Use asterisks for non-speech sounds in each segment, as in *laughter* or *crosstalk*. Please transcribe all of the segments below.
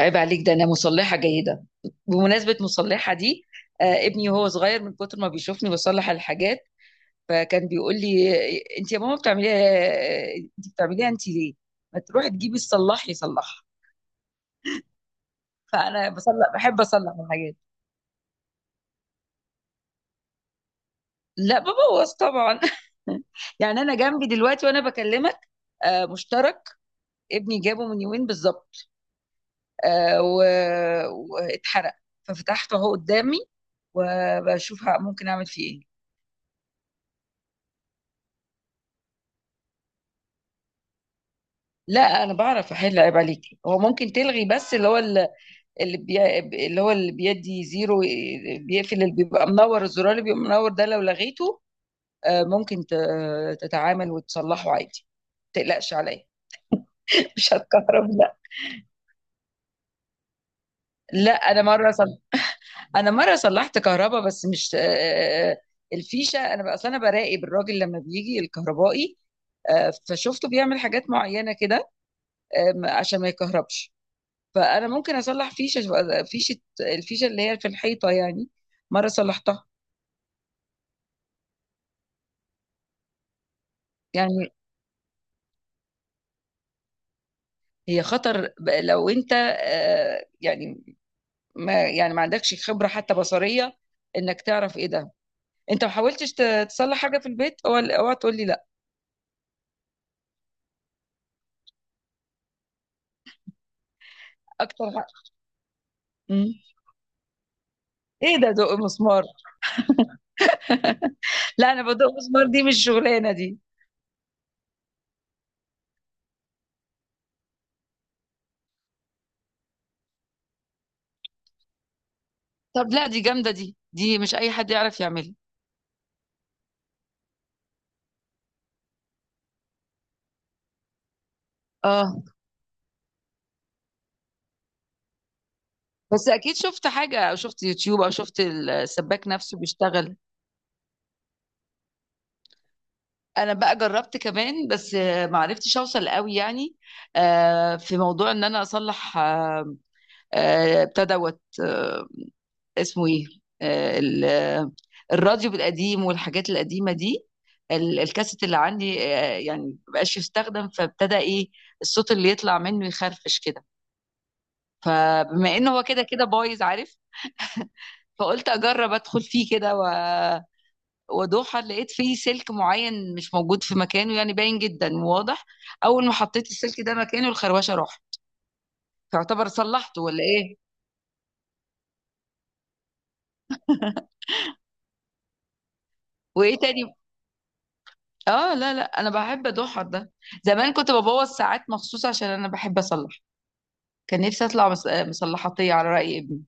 عيب عليك، ده انا مصلحه جيده. بمناسبه مصلحه دي، آه، ابني وهو صغير من كتر ما بيشوفني بصلح الحاجات، فكان بيقول لي: انت يا ماما بتعمليها، انت بتعمليها، انت ليه ما تروحي تجيبي الصلاح يصلحها؟ فانا بصلح، بحب اصلح الحاجات. لا ببوظ طبعا. *laughs* يعني انا جنبي دلوقتي وانا بكلمك آه مشترك، ابني جابه من يومين بالظبط، واتحرق، ففتحته اهو قدامي وبشوف ممكن اعمل فيه ايه. لا انا بعرف احل، عيب عليكي. هو ممكن تلغي بس اللي هو اللي اللي هو اللي بيدي زيرو إيه، بيقفل، اللي بيبقى منور الزرار، اللي بيبقى منور ده لو لغيته، آه، ممكن تتعامل وتصلحه عادي. ما تقلقش عليا. *laughs* مش هتكهرب لا. لا انا مره انا مره صلحت كهرباء بس مش آه، آه، الفيشه. انا بقى اصل انا براقب الراجل لما بيجي الكهربائي، آه، فشفته بيعمل حاجات معينه كده، آه، عشان ما يكهربش، فانا ممكن اصلح فيشه. الفيشه اللي هي في الحيطه يعني، مره صلحتها. يعني هي خطر لو انت آه، يعني، ما يعني ما عندكش خبره حتى بصريه انك تعرف ايه ده. انت ما حاولتش تصلح حاجه في البيت؟ اوعى اوعى تقول لي لا. اكتر حاجه. مم. ايه ده، دق مسمار؟ لا انا بدق مسمار، دي مش شغلانه دي. طب لا، دي جامده دي مش اي حد يعرف يعملها. اه بس اكيد شفت حاجه او شفت يوتيوب او شفت السباك نفسه بيشتغل. انا بقى جربت كمان بس آه، ما عرفتش اوصل قوي يعني. آه، في موضوع ان انا اصلح آه، آه، بتاع دوت آه، اسمه ايه، آه، الراديو القديم والحاجات القديمه دي. الكاسيت اللي عندي آه، يعني مبقاش يستخدم، فابتدى ايه، الصوت اللي يطلع منه يخرفش كده. فبما انه هو كده كده بايظ، عارف، فقلت اجرب ادخل فيه كده وادوخها، لقيت فيه سلك معين مش موجود في مكانه، يعني باين جدا وواضح. اول ما حطيت السلك ده مكانه الخروشه راح. يعتبر صلحته ولا ايه؟ وايه تاني؟ اه لا لا انا بحب ادوخها ده. زمان كنت ببوظ ساعات مخصوص عشان انا بحب اصلح. كان نفسي اطلع مصلحاتيه على راي ابني.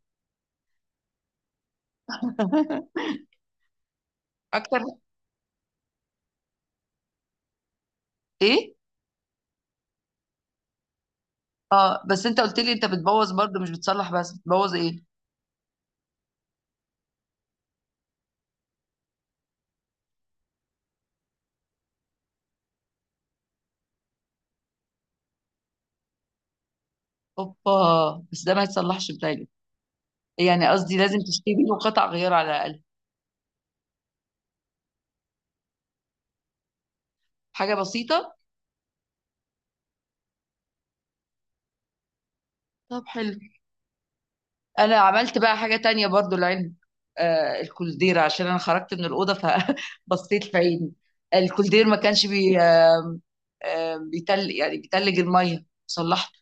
*laughs* اكتر ايه؟ آه، بس انت قلت لي انت بتبوظ برضه مش بتصلح، بس بتبوظ ايه؟ اوبا، بس ده ما يتصلحش بتاعي. يعني قصدي لازم تشتري له قطع غيار على الاقل. حاجه بسيطه. طب حلو. انا عملت بقى حاجة تانية برضو لعلم، آه، الكولدير. عشان انا خرجت من الأوضة فبصيت *laughs* في عيني. الكولدير ما كانش بي آه آه بيتل، يعني بيتلج المية. صلحته.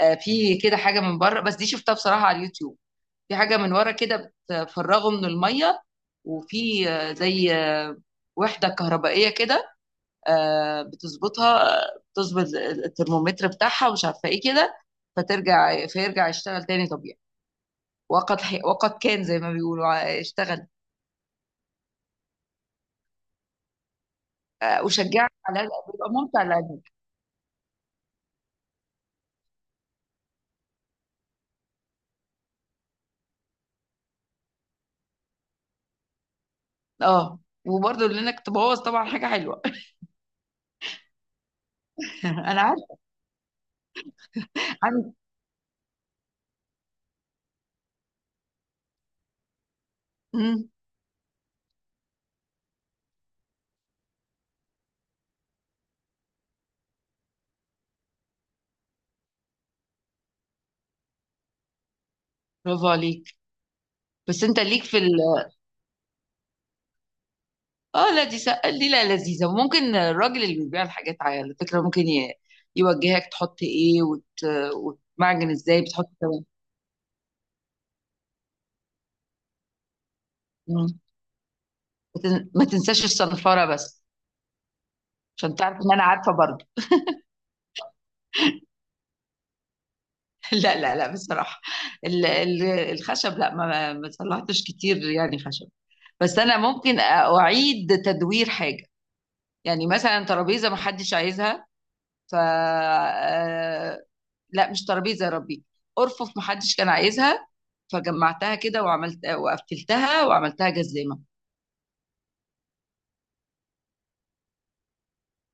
آه، في كده حاجة من بره بس دي شفتها بصراحة على اليوتيوب. في حاجة من ورا كده بتفرغه من المية، وفي آه زي آه وحدة كهربائية كده، آه بتظبطها، آه، بتظبط الترمومتر بتاعها ومش عارفة ايه كده، فترجع، فيرجع يشتغل تاني طبيعي. وقد كان زي ما بيقولوا اشتغل. آه، اشجعك على هذا، بيبقى ممتع لعينك. اه وبرضه لانك تبوظ طبعا حاجه حلوه. *laughs* انا عارف. عن. مم، برافو عليك. بس انت ليك في اه لا دي دي لا لذيذه. وممكن الراجل اللي بيبيع الحاجات على فكره ممكن يوجهك تحط ايه وتمعجن ازاي بتحط كمان. مم. ما تنساش الصنفره بس. عشان تعرف ان انا عارفه برضه. *laughs* لا لا لا، بصراحه الخشب لا، ما صلحتش كتير يعني خشب. بس انا ممكن اعيد تدوير حاجه. يعني مثلا ترابيزه محدش عايزها، ف آه، لا مش ترابيزه يا ربي، ارفف محدش كان عايزها. فجمعتها كده وعملت وقفلتها وعملتها جزامه.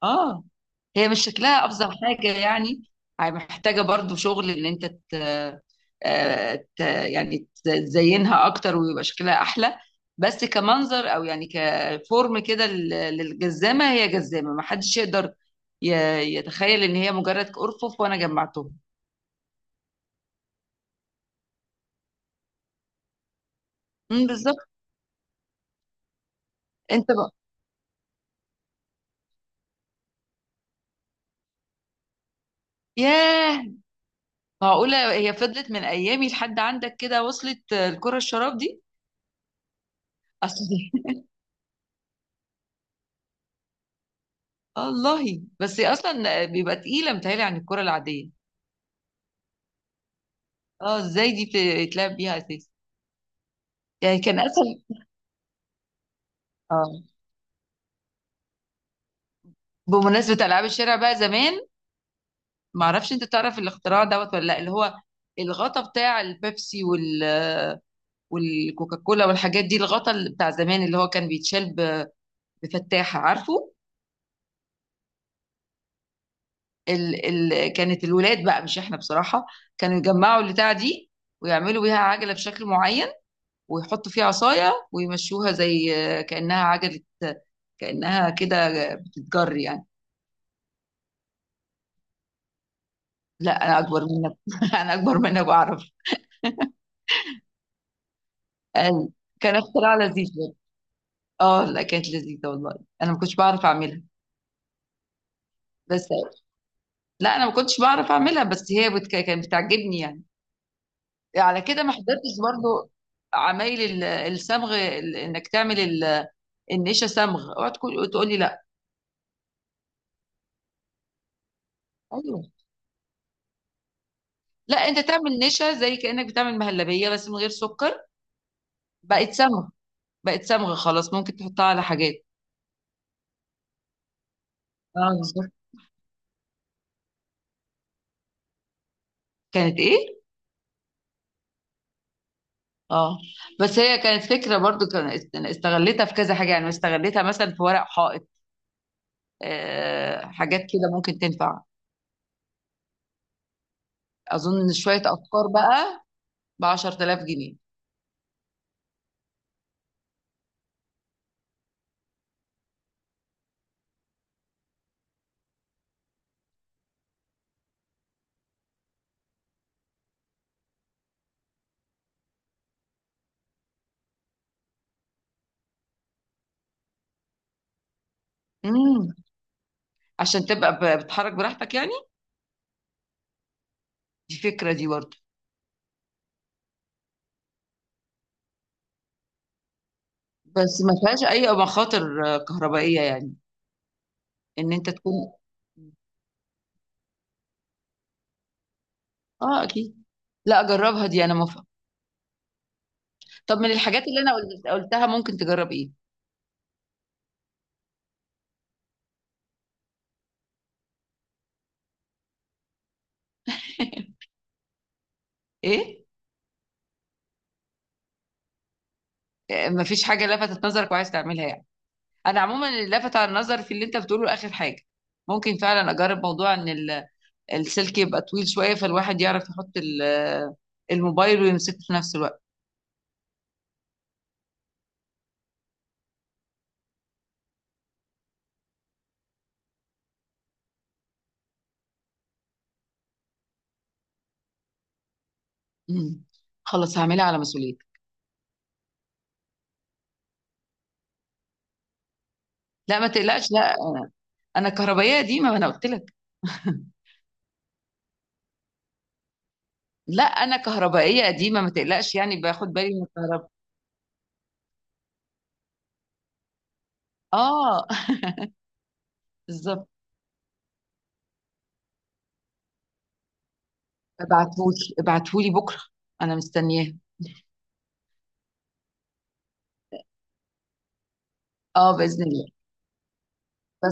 اه هي مش شكلها افظع حاجه يعني. هي محتاجه برضو شغل ان انت يعني تزينها اكتر ويبقى شكلها احلى. بس كمنظر او يعني كفورم كده للجزامه. هي جزامه ما حدش يقدر ي... يتخيل ان هي مجرد ارفف وانا جمعتهم. بالظبط. انت بقى. ياه، معقوله هي فضلت من ايامي لحد عندك كده؟ وصلت آه، الكره الشراب دي. اصل الله، بس هي اصلا بيبقى تقيله متهيألي عن الكره العاديه. اه، ازاي دي بتتلعب بيها اساسا؟ يعني كان اسهل. اه بمناسبه العاب الشارع بقى زمان، ما اعرفش انت تعرف الاختراع دوت ولا لا؟ اللي هو الغطا بتاع البيبسي وال والكوكاكولا والحاجات دي، الغطا اللي بتاع زمان اللي هو كان بيتشال بفتاحه، عارفه؟ ال... كانت الولاد بقى مش احنا بصراحه، كانوا يجمعوا البتاع دي ويعملوا بيها عجله بشكل معين ويحطوا فيها عصاية ويمشوها زي كأنها عجلة، كأنها كده بتتجر يعني. لا أنا أكبر منك. *laughs* أنا أكبر منك بعرف. قال، كان اختراع لذيذ برضه. اه لا كانت لذيذة والله. أنا ما كنتش بعرف أعملها بس. لا أنا ما كنتش بعرف أعملها بس هي كانت بتعجبني يعني. على كده ما حضرتش برضه عمايل الصمغ، إنك تعمل النشا صمغ. اوعى تقول لي لا. ايوه. لا انت تعمل نشا زي كانك بتعمل مهلبيه بس من غير سكر. بقت صمغ، بقت صمغة خلاص، ممكن تحطها على حاجات. اه بالظبط. كانت ايه. اه بس هي كانت فكرة برضو، أنا استغلتها في كذا حاجة، يعني استغلتها مثلا في ورق حائط. آه حاجات كده ممكن تنفع. اظن شوية افكار بقى ب 10000 جنيه. امم، عشان تبقى بتحرك براحتك يعني. دي فكرة دي برضو. بس ما فيهاش اي مخاطر آه، كهربائية يعني؟ ان انت تكون. اه اكيد. لا اجربها دي، انا موافقة. طب من الحاجات اللي انا قلتها ممكن تجرب ايه؟ *laughs* ايه؟ مفيش حاجة لفتت نظرك وعايز تعملها يعني؟ أنا عموما اللي لفت على النظر في اللي أنت بتقوله آخر حاجة، ممكن فعلا أجرب موضوع إن السلك يبقى طويل شوية، فالواحد يعرف يحط الموبايل ويمسكه في نفس الوقت. مم. خلاص هعملها على مسؤوليتي. لا ما تقلقش، لا أنا. أنا كهربائية قديمة، ما أنا قلت لك. *laughs* لا أنا كهربائية قديمة، ما تقلقش، يعني باخد بالي من الكهرباء. آه. *laughs* بالظبط. ابعتهولي، ابعتهولي بكرة، أنا مستنياه. آه بإذن الله.